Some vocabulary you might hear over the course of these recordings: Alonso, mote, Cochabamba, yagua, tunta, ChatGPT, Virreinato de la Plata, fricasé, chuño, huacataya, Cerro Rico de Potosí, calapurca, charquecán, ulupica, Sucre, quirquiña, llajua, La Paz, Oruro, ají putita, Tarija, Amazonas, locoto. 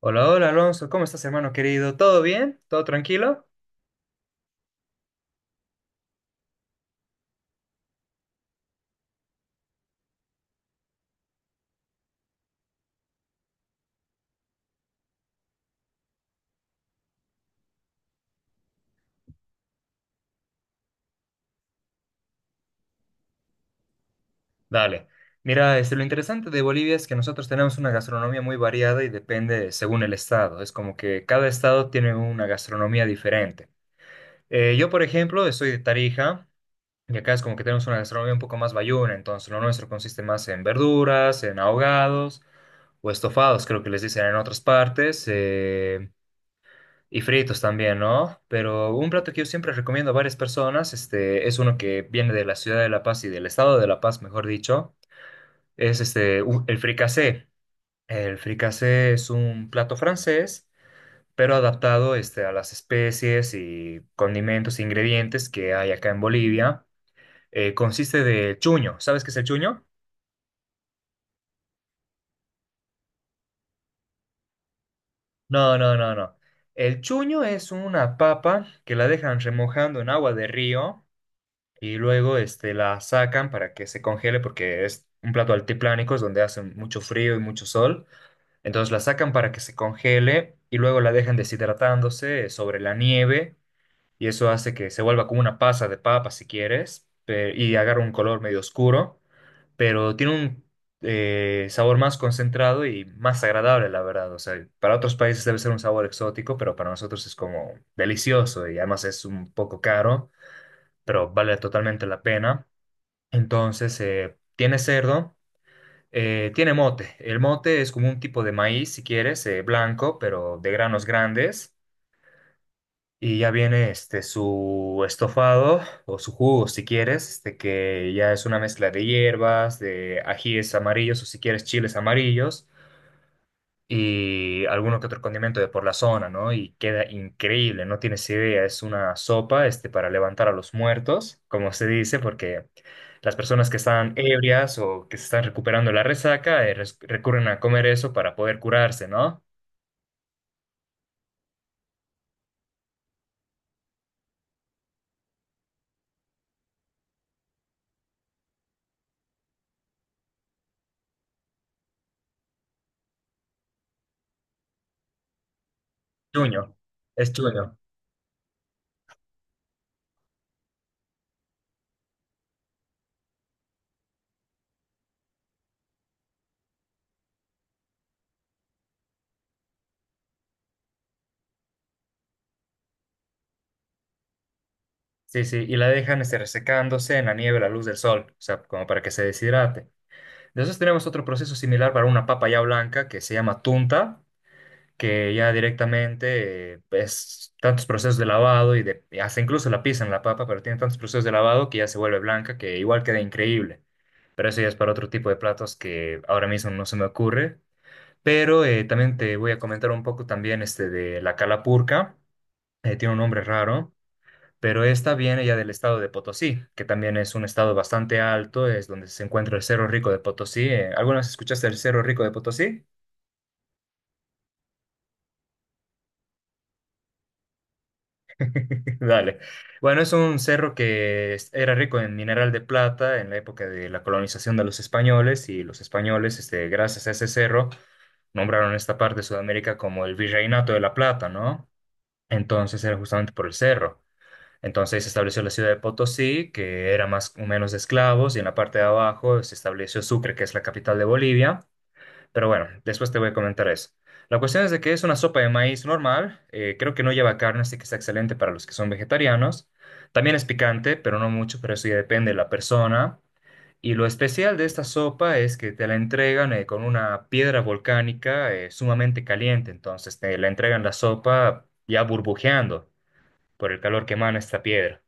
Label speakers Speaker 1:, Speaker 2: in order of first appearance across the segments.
Speaker 1: Hola, hola Alonso, ¿cómo estás hermano querido? ¿Todo bien? ¿Todo tranquilo? Dale. Mira, este, lo interesante de Bolivia es que nosotros tenemos una gastronomía muy variada y depende según el estado. Es como que cada estado tiene una gastronomía diferente. Yo, por ejemplo, soy de Tarija y acá es como que tenemos una gastronomía un poco más bayuna, entonces lo nuestro consiste más en verduras, en ahogados o estofados, creo que les dicen en otras partes. Y fritos también, ¿no? Pero un plato que yo siempre recomiendo a varias personas, este, es uno que viene de la ciudad de La Paz y del estado de La Paz, mejor dicho, es este, el fricasé. El fricasé es un plato francés, pero adaptado, este, a las especies y condimentos e ingredientes que hay acá en Bolivia. Consiste de chuño. ¿Sabes qué es el chuño? No, no, no, no. El chuño es una papa que la dejan remojando en agua de río y luego este, la sacan para que se congele porque es un plato altiplánico, es donde hace mucho frío y mucho sol. Entonces la sacan para que se congele y luego la dejan deshidratándose sobre la nieve y eso hace que se vuelva como una pasa de papa si quieres y agarra un color medio oscuro, pero tiene un sabor más concentrado y más agradable, la verdad. O sea, para otros países debe ser un sabor exótico, pero para nosotros es como delicioso y además es un poco caro, pero vale totalmente la pena. Entonces, tiene cerdo, tiene mote. El mote es como un tipo de maíz, si quieres, blanco, pero de granos grandes. Y ya viene este, su estofado o su jugo, si quieres, este, que ya es una mezcla de hierbas, de ajíes amarillos o si quieres chiles amarillos y alguno que otro condimento de por la zona, ¿no? Y queda increíble, no tienes idea, es una sopa, este, para levantar a los muertos, como se dice, porque las personas que están ebrias o que se están recuperando la resaca, recurren a comer eso para poder curarse, ¿no? Chuño, es chuño. Sí, sí, y la dejan este, resecándose en la nieve, a la luz del sol, o sea, como para que se deshidrate. Después tenemos otro proceso similar para una papa ya blanca que se llama tunta, que ya directamente es tantos procesos de lavado y, de, y hasta incluso la pisan la papa, pero tiene tantos procesos de lavado que ya se vuelve blanca, que igual queda increíble. Pero eso ya es para otro tipo de platos que ahora mismo no se me ocurre. Pero también te voy a comentar un poco también este de la calapurca. Tiene un nombre raro, pero esta viene ya del estado de Potosí, que también es un estado bastante alto, es donde se encuentra el Cerro Rico de Potosí. ¿Alguna vez escuchaste el Cerro Rico de Potosí? Dale. Bueno, es un cerro que era rico en mineral de plata en la época de la colonización de los españoles y los españoles, este, gracias a ese cerro, nombraron esta parte de Sudamérica como el Virreinato de la Plata, ¿no? Entonces era justamente por el cerro. Entonces se estableció la ciudad de Potosí, que era más o menos de esclavos, y en la parte de abajo se estableció Sucre, que es la capital de Bolivia. Pero bueno, después te voy a comentar eso. La cuestión es de que es una sopa de maíz normal, creo que no lleva carne, así que está excelente para los que son vegetarianos. También es picante, pero no mucho, pero eso ya depende de la persona. Y lo especial de esta sopa es que te la entregan con una piedra volcánica sumamente caliente, entonces te la entregan la sopa ya burbujeando por el calor que emana esta piedra.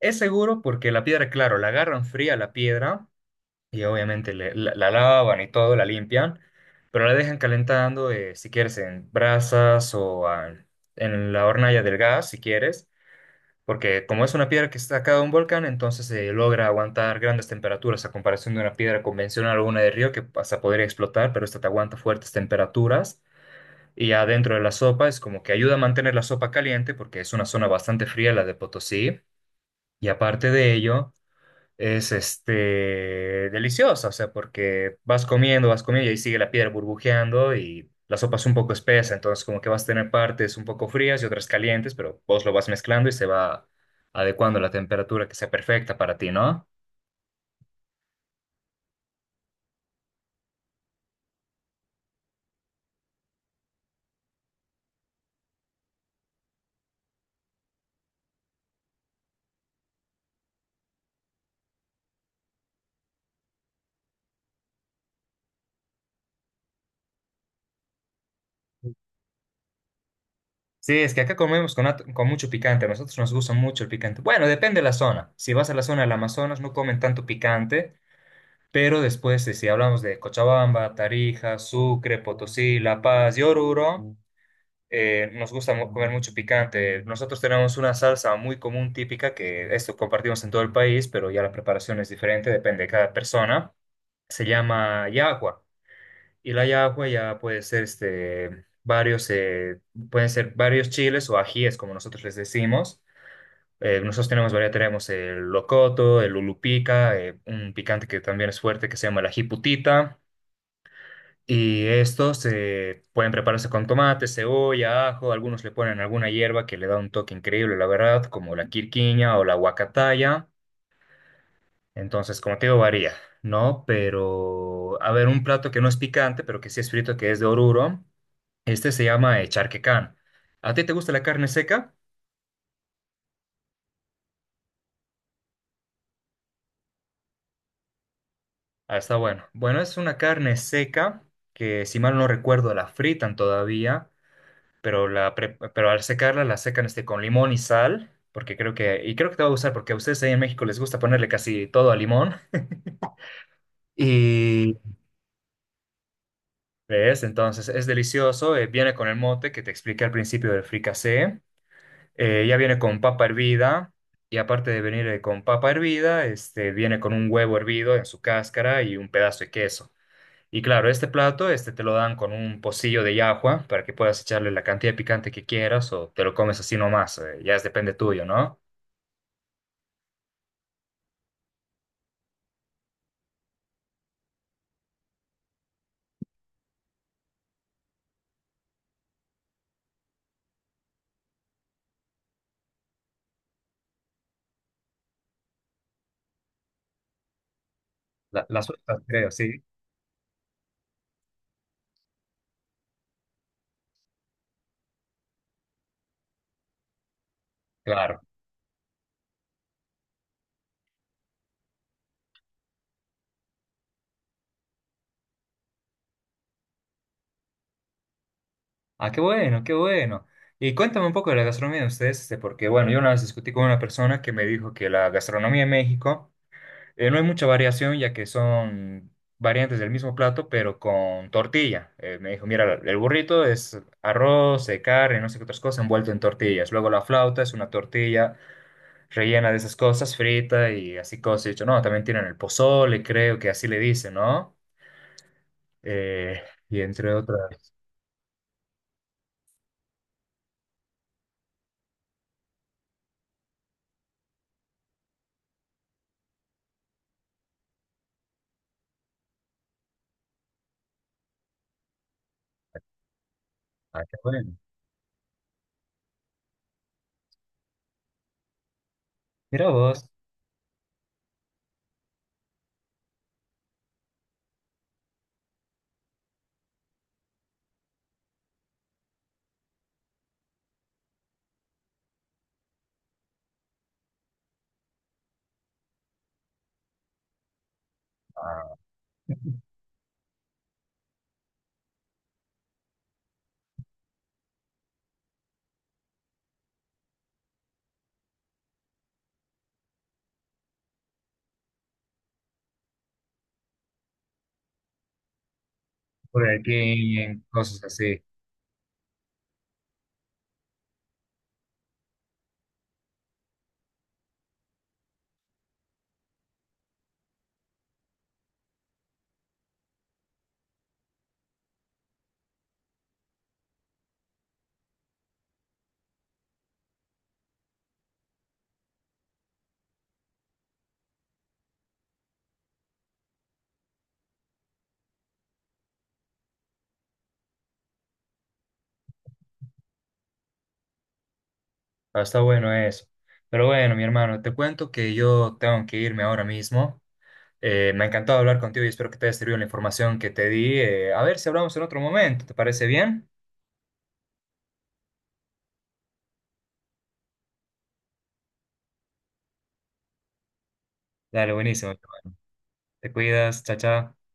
Speaker 1: Es seguro porque la piedra, claro, la agarran fría la piedra. Y obviamente la lavan y todo, la limpian, pero la dejan calentando, si quieres, en brasas o ah, en la hornalla del gas, si quieres, porque como es una piedra que está sacada de un volcán, entonces se logra aguantar grandes temperaturas a comparación de una piedra convencional o una de río que hasta podría explotar, pero esta te aguanta fuertes temperaturas. Y adentro de la sopa es como que ayuda a mantener la sopa caliente porque es una zona bastante fría la de Potosí. Y aparte de ello es este deliciosa, o sea, porque vas comiendo y ahí sigue la piedra burbujeando y la sopa es un poco espesa, entonces como que vas a tener partes un poco frías y otras calientes, pero vos lo vas mezclando y se va adecuando a la temperatura que sea perfecta para ti, ¿no? Sí, es que acá comemos con mucho picante, a nosotros nos gusta mucho el picante. Bueno, depende de la zona. Si vas a la zona del Amazonas no comen tanto picante, pero después, si hablamos de Cochabamba, Tarija, Sucre, Potosí, La Paz y Oruro, nos gusta mu- comer mucho picante. Nosotros tenemos una salsa muy común, típica, que esto compartimos en todo el país, pero ya la preparación es diferente, depende de cada persona. Se llama yagua. Y la yagua ya puede ser este, varios, pueden ser varios chiles o ajíes, como nosotros les decimos. Nosotros tenemos variedad, tenemos el locoto, el ulupica, un picante que también es fuerte que se llama el ají putita. Y estos se pueden prepararse con tomate, cebolla, ajo, algunos le ponen alguna hierba que le da un toque increíble, la verdad, como la quirquiña o la huacataya. Entonces, como te digo, varía, ¿no? Pero, a ver, un plato que no es picante, pero que sí es frito, que es de Oruro, este se llama charquecán. ¿A ti te gusta la carne seca? Ah, está bueno. Bueno, es una carne seca que, si mal no recuerdo, la fritan todavía. Pero pero al secarla la secan este, con limón y sal, porque creo que, y creo que te va a gustar, porque a ustedes ahí en México les gusta ponerle casi todo a limón. Y ves, entonces es delicioso, viene con el mote que te expliqué al principio del fricasé, ya viene con papa hervida, y aparte de venir con papa hervida, este, viene con un huevo hervido en su cáscara y un pedazo de queso. Y claro, este plato este te lo dan con un pocillo de llajua para que puedas echarle la cantidad de picante que quieras o te lo comes así nomás, ya es depende tuyo, ¿no? La sueltas, creo, sí, claro. Ah, qué bueno, qué bueno. Y cuéntame un poco de la gastronomía de ustedes, este, porque bueno, yo una vez discutí con una persona que me dijo que la gastronomía en México no hay mucha variación, ya que son variantes del mismo plato, pero con tortilla. Me dijo, mira, el burrito es arroz, carne, no sé qué otras cosas, envuelto en tortillas. Luego la flauta es una tortilla rellena de esas cosas, frita y así cosas. Y yo, no, también tienen el pozole, creo que así le dicen, ¿no? Eh, y entre otras. Ah, qué bueno. Mira vos, ah, por aquí en cosas así. Ah, está bueno eso. Pero bueno, mi hermano, te cuento que yo tengo que irme ahora mismo. Me ha encantado hablar contigo y espero que te haya servido la información que te di. A ver si hablamos en otro momento. ¿Te parece bien? Dale, buenísimo. Te cuidas, chao, chao.